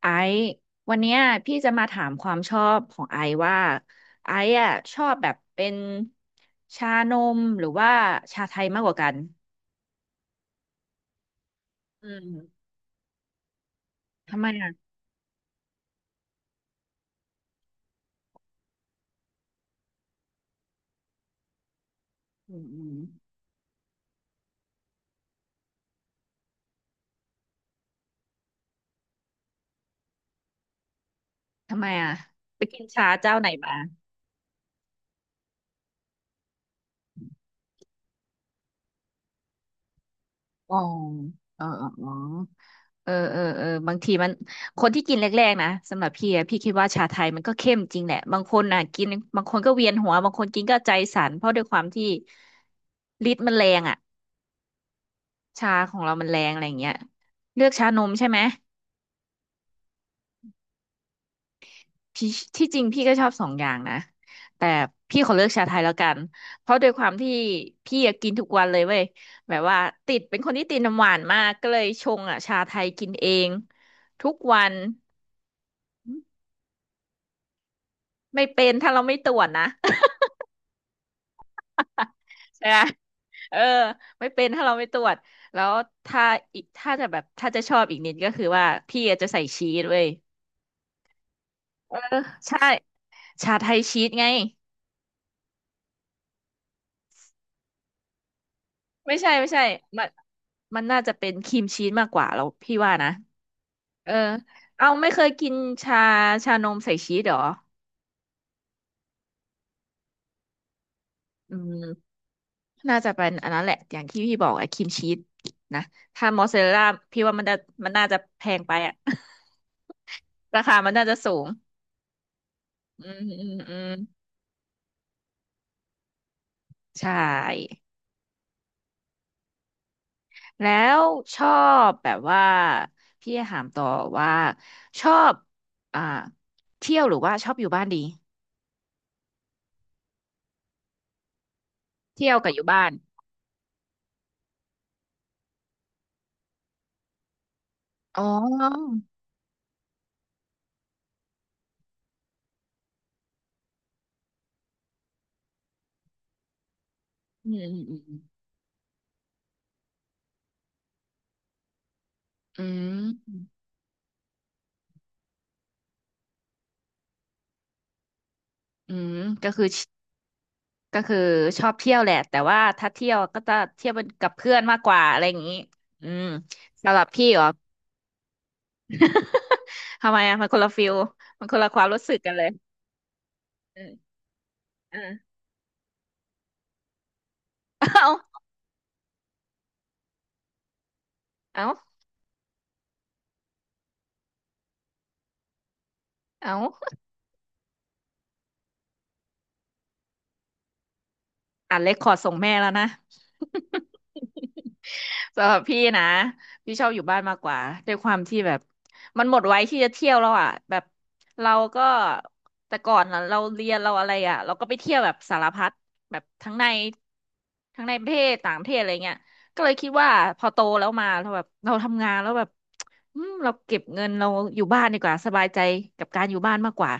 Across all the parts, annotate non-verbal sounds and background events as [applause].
ไอซ์วันเนี้ยพี่จะมาถามความชอบของไอซ์ว่าไอซ์อ่ะชอบแบบเป็นชานมหรือว่าชาไทยมากกว่ากันอืมทำไมอ่ะอืมอืมทำไมอ่ะไปกินชาเจ้าไหนมาอ๋อเออเออเออเออเออเออบางทีมันคนที่กินแรกๆนะสำหรับพี่อะพี่คิดว่าชาไทยมันก็เข้มจริงแหละ บางคนอ่ะกินบางคนก็เวียนหัวบางคนกินก็ใจสั่นเพราะด้วยความที่ฤทธิ์มันแรงอ่ะ ชาของเรามันแรงอะไรอย่างเงี้ยเลือกชานมใช่ไหมพี่ที่จริงพี่ก็ชอบสองอย่างนะแต่พี่ขอเลือกชาไทยแล้วกันเพราะด้วยความที่พี่อะกินทุกวันเลยเว้ยแบบว่าติดเป็นคนที่ติดน้ำหวานมากก็เลยชงอ่ะชาไทยกินเองทุกวันไม่เป็นถ้าเราไม่ตรวจนะ [laughs] ใช่ไหมเออไม่เป็นถ้าเราไม่ตรวจแล้วถ้าอีกถ้าจะแบบถ้าจะชอบอีกนิดก็คือว่าพี่อาจจะใส่ชีสเว้ยเออใช่ชาไทยชีสไง ไม่ใช่ไม่ใช่มันมันน่าจะเป็นครีมชีสมากกว่าแล้วพี่ว่านะเออเอาไม่เคยกินชาชานมใส่ชีสเหรออืมน่าจะเป็นอันนั้นแหละอย่างที่พี่บอกไอ้ครีมชีสนะถ้ามอสซาเรลล่าพี่ว่ามันจะมันน่าจะแพงไปอะ [laughs] ราคามันน่าจะสูงอืมอืมอืมใช่แล้วชอบแบบว่าพี่ถามต่อว่าชอบอ่าเที่ยวหรือว่าชอบอยู่บ้านดีเที่ยวกับอยู่บ้าน อ๋ออืมอืมอืมอืมก็คือชก็คือชอบเที่ยวแหละ แต่ว่าถ้าเที่ยวก็จะเที่ยวเป็นกับเพื่อนมากกว่าอะไรอย่างนี้อืมสำหรับพี่เหรอ [laughs] ทำไมอ่ะ มันคนละฟิลมันคนละความรู้สึกกันเลยเออเออ [laughs] เอาเอาเอาอัดเรคคอร์ดส่งแม่แล้วนะ สำหรับพี่นะพี่ชอบอยู่บ้านมากกว่าด้วยความที่แบบมันหมดไว้ที่จะเที่ยวแล้วอ่ะแบบเราก็แต่ก่อนน่ะเราเรียนเราอะไรอ่ะเราก็ไปเที่ยวแบบสารพัดแบบทั้งในประเทศต่างประเทศอะไรเงี้ยก็เลยคิดว่าพอโตแล้วมาเราแบบเราทำงานแล้วแบบอืมเราเก็บเงินเราอยู่บ้านดีกว่าสบายใจกับการอยู่บ้านมากกว่า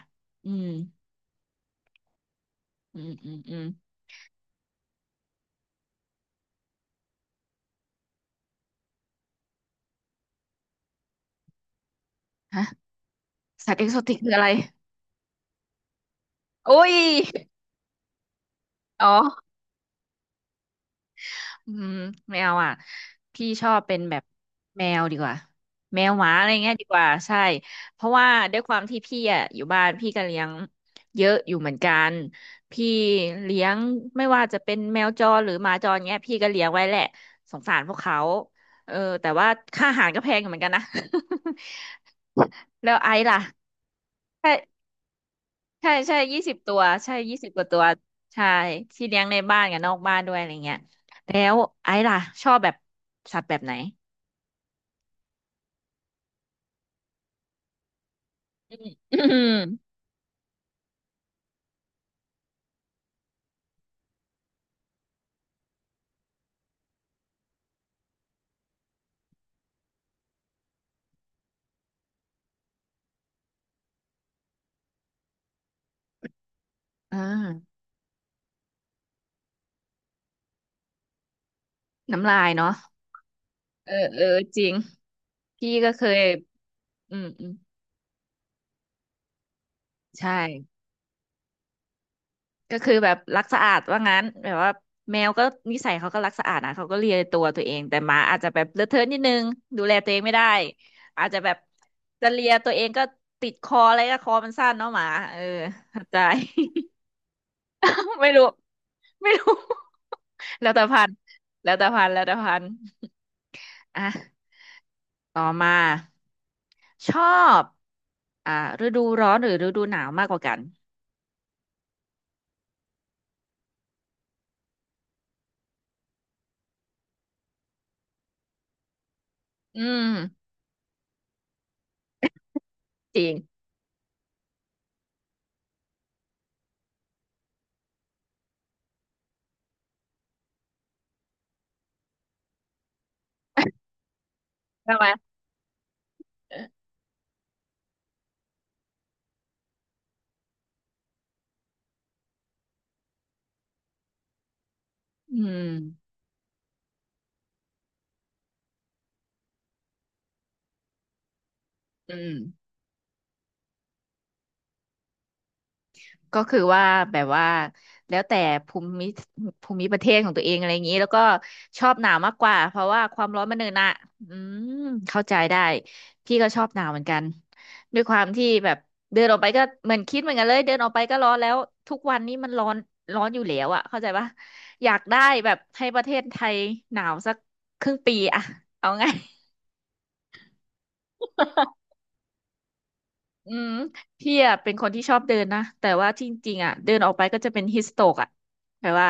อืมอืมอืมอืมฮะสัตว์เอกโซติกคืออะไรโอ้ยอ๋อ อืมไม่เอาอ่ะพี่ชอบเป็นแบบแมวดีกว่าแมวหมาอะไรเงี้ยดีกว่าใช่เพราะว่าด้วยความที่พี่อ่ะอยู่บ้านพี่ก็เลี้ยงเยอะอยู่เหมือนกันพี่เลี้ยงไม่ว่าจะเป็นแมวจรหรือหมาจรเงี้ยพี่ก็เลี้ยงไว้แหละสงสารพวกเขาเออแต่ว่าค่าอาหารก็แพงอยู่เหมือนกันนะ [laughs] แล้วไอซ์ล่ะใช่ใช่ใช่ยี่สิบตัวใช่ยี่สิบกว่าตัวใช่ที่เลี้ยงในบ้านกับนอกบ้านด้วยอะไรเงี้ยแล้วไอ้ล่ะชอบแบบสัตว์แบบไหน อืม [laughs] อ่าน้ำลายเนาะเออเออจริงพี่ก็เคยอืมอืมใช่ก็คือแบบรักสะอาดว่างั้นแบบว่าแมวก็นิสัยเขาก็รักสะอาดนะเขาก็เลียตัวเองแต่หมาอาจจะแบบเลอะเทอะนิดนึงดูแลตัวเองไม่ได้อาจจะแบบจะเลียตัวเองก็ติดคออะไรก็คอมันสั้นเนาะหมาเออเข้าใจ [laughs] ไม่รู้ไม่รู้ [laughs] แล้วแต่พันธุ์แล้วแต่พันธุ์แล้วแต่พันธุ์อ่ะต่อมา ชอบอ่าฤดูร้อนหรือฤดูหนาวมากกว่ากัน อืม จริง ใช่ไหมเอออืมอืม ก็คือว่าแบบว่าแล้วแต่ภูมิภูมิประเทศของตัวเองอะไรอย่างนี้แล้วก็ชอบหนาวมากกว่าเพราะว่าความร้อนมันเนินอะอืมเข้าใจได้พี่ก็ชอบหนาวเหมือนกันด้วยความที่แบบเดินออกไปก็เหมือนคิดเหมือนกันเลยเดินออกไปก็ร้อนแล้วทุกวันนี้มันร้อนร้อนอยู่แล้วอะเข้าใจปะอยากได้แบบให้ประเทศไทยหนาวสักครึ่งปีอะเอาไง อืมพี่อ่ะเป็นคนที่ชอบเดินนะแต่ว่าจริงๆอ่ะเดินออกไปก็จะเป็นฮิสโตกอ่ะแต่ว่า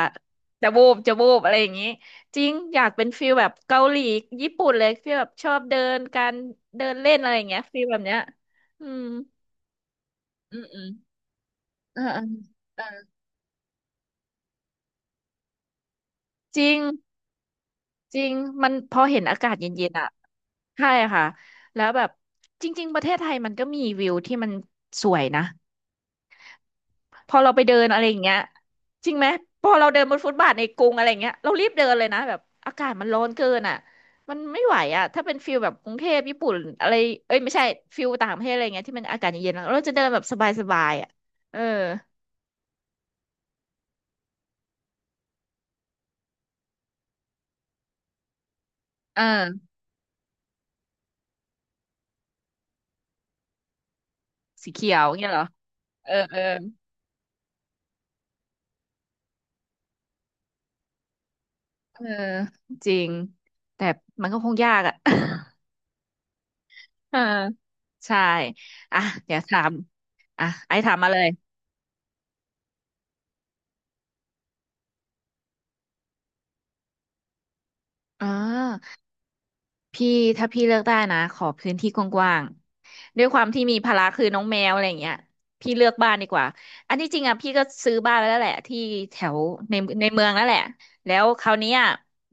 จะวูบอะไรอย่างงี้จริงอยากเป็นฟีลแบบเกาหลีญี่ปุ่นเลยฟีลแบบชอบเดินการเดินเล่นอะไรอย่างเงี้ยฟีลแบบเนี้ยอืมอืมอืมเออเออเออจริงจริงมันพอเห็นอากาศเย็นๆอ่ะใช่ค่ะแล้วแบบจริงๆประเทศไทยมันก็มีวิวที่มันสวยนะ พอเราไปเดินอะไรอย่างเงี้ยจริงไหมพอเราเดินบนฟุตบาทในกรุงอะไรอย่างเงี้ยเรารีบเดินเลยนะแบบอากาศมันร้อนเกินอ่ะมันไม่ไหวอ่ะถ้าเป็นฟิลแบบกรุงเทพญี่ปุ่นอะไรเอ้ยไม่ใช่ฟิลต่างประเทศอะไรเงี้ยที่มันอากาศเย็นๆเราจะเดินแบบสบายๆอ่ะเออเออสีเขียวเงี้ยเหรอเออเออเออจริงแต่มันก็คงยากอ่ะ [laughs] เออใช่อ่ะเดี๋ยวถามอ่ะไอ้ถามมาเลยอ่าพี่ถ้าพี่เลือกได้นะขอพื้นที่กว้าง ด้วยความที่มีภาระคือน้องแมวอะไรอย่างเงี้ยพี่เลือกบ้านดีกว่าอันที่จริงอ่ะพี่ก็ซื้อบ้านไว้แล้วแหละที่แถวในในเมืองแล้วแหละแล้วคราวเนี้ย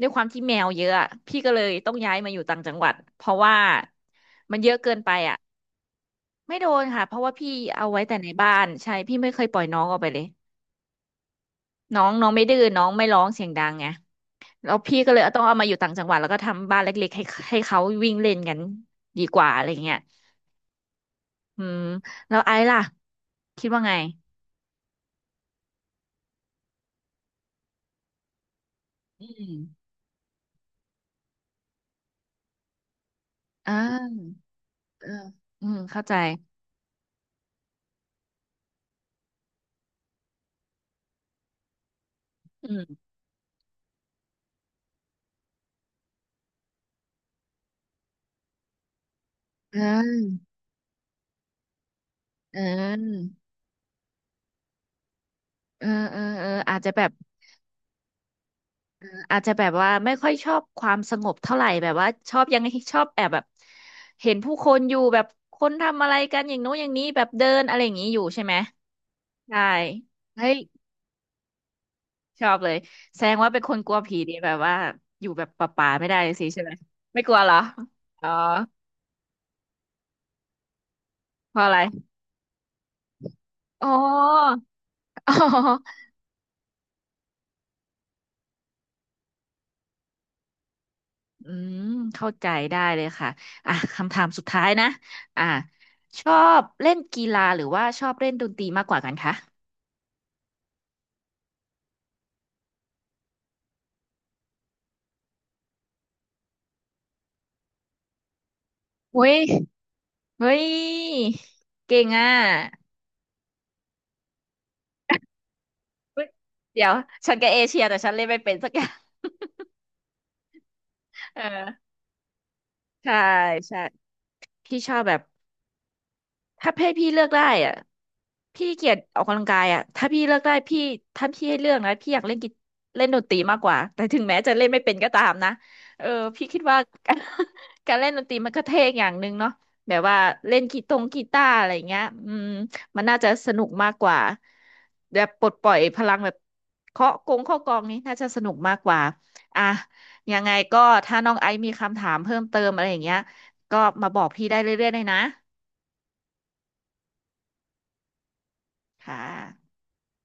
ด้วยความที่แมวเยอะอะพี่ก็เลยต้องย้ายมาอยู่ต่างจังหวัดเพราะว่ามันเยอะเกินไปอ่ะไม่โดนค่ะเพราะว่าพี่เอาไว้แต่ในบ้านใช่พี่ไม่เคยปล่อยน้องออกไปเลยน้องน้องไม่ดื้อน้องไม่ร้องเสียงดังไงแล้วพี่ก็เลยต้องเอามาอยู่ต่างจังหวัดแล้วก็ทำบ้านเล็กๆให้ให้เขาวิ่งเล่นกันดีกว่าอะไรเงี้ยอืมแล้วไอ้ล่ะคิดว่าไง อืมอ่าเอออืมเข้าใจอืมเออเออเออเออเอออาจจะแบบเอออาจจะแบบว่าไม่ค่อยชอบความสงบเท่าไหร่ แบบว่าชอบแอบแบบเห็นผู้คนอยู่แบบคนทำอะไรกันอย่างโน้นอย่างนี้แบบเดินอะไรอย่างนี้อยู่ใช่ไหมใช่เฮ้ยชอบเลยแสดงว่าเป็นคนกลัวผีดีแบบว่าอยู่แบบป่าๆไม่ได้สิใช่ไหมไม่กลัวเหรออ๋อเพราะอะไรอ๋ออ๋อ อืมเข้าใจได้เลยค่ะอ่ะคำถามสุดท้ายนะอ่ะชอบเล่นกีฬาหรือว่าชอบเล่นดนตรีมากกว่ากันคะ เฮ้ยเฮ้ยเก่งอ่ะเฮ้ยเดี๋ยวฉันก็เอเชียแต่ฉันเล่นไม่เป็นสักอย่าง [laughs] เออใช่ใช่พี่ชอบแบบ ถ้าให้พี่เลือกได้อ่ะพี่เกลียดออกกำลังกายอ่ะถ้าพี่ให้เลือกนะพี่อยากเล่นดนตรีมากกว่าแต่ถึงแม้จะเล่นไม่เป็นก็ตามนะเออพี่คิดว่า [laughs] การเล่นดนตรีมันก็เท่อย่างหนึ่งเนาะแบบว่าเล่นกีตาร์อะไรเงี้ยอืมมันน่าจะสนุกมากกว่าแบบปลดปล่อยพลังแบบเคาะกองนี้น่าจะสนุกมากกว่าอ่ะยังไงก็ถ้าน้องไอซ์มีคำถามเพิ่มเติมอะไรอย่างเงี้ยก็มาบอกพี่ได้เรื่อยๆเลยนะค่ะ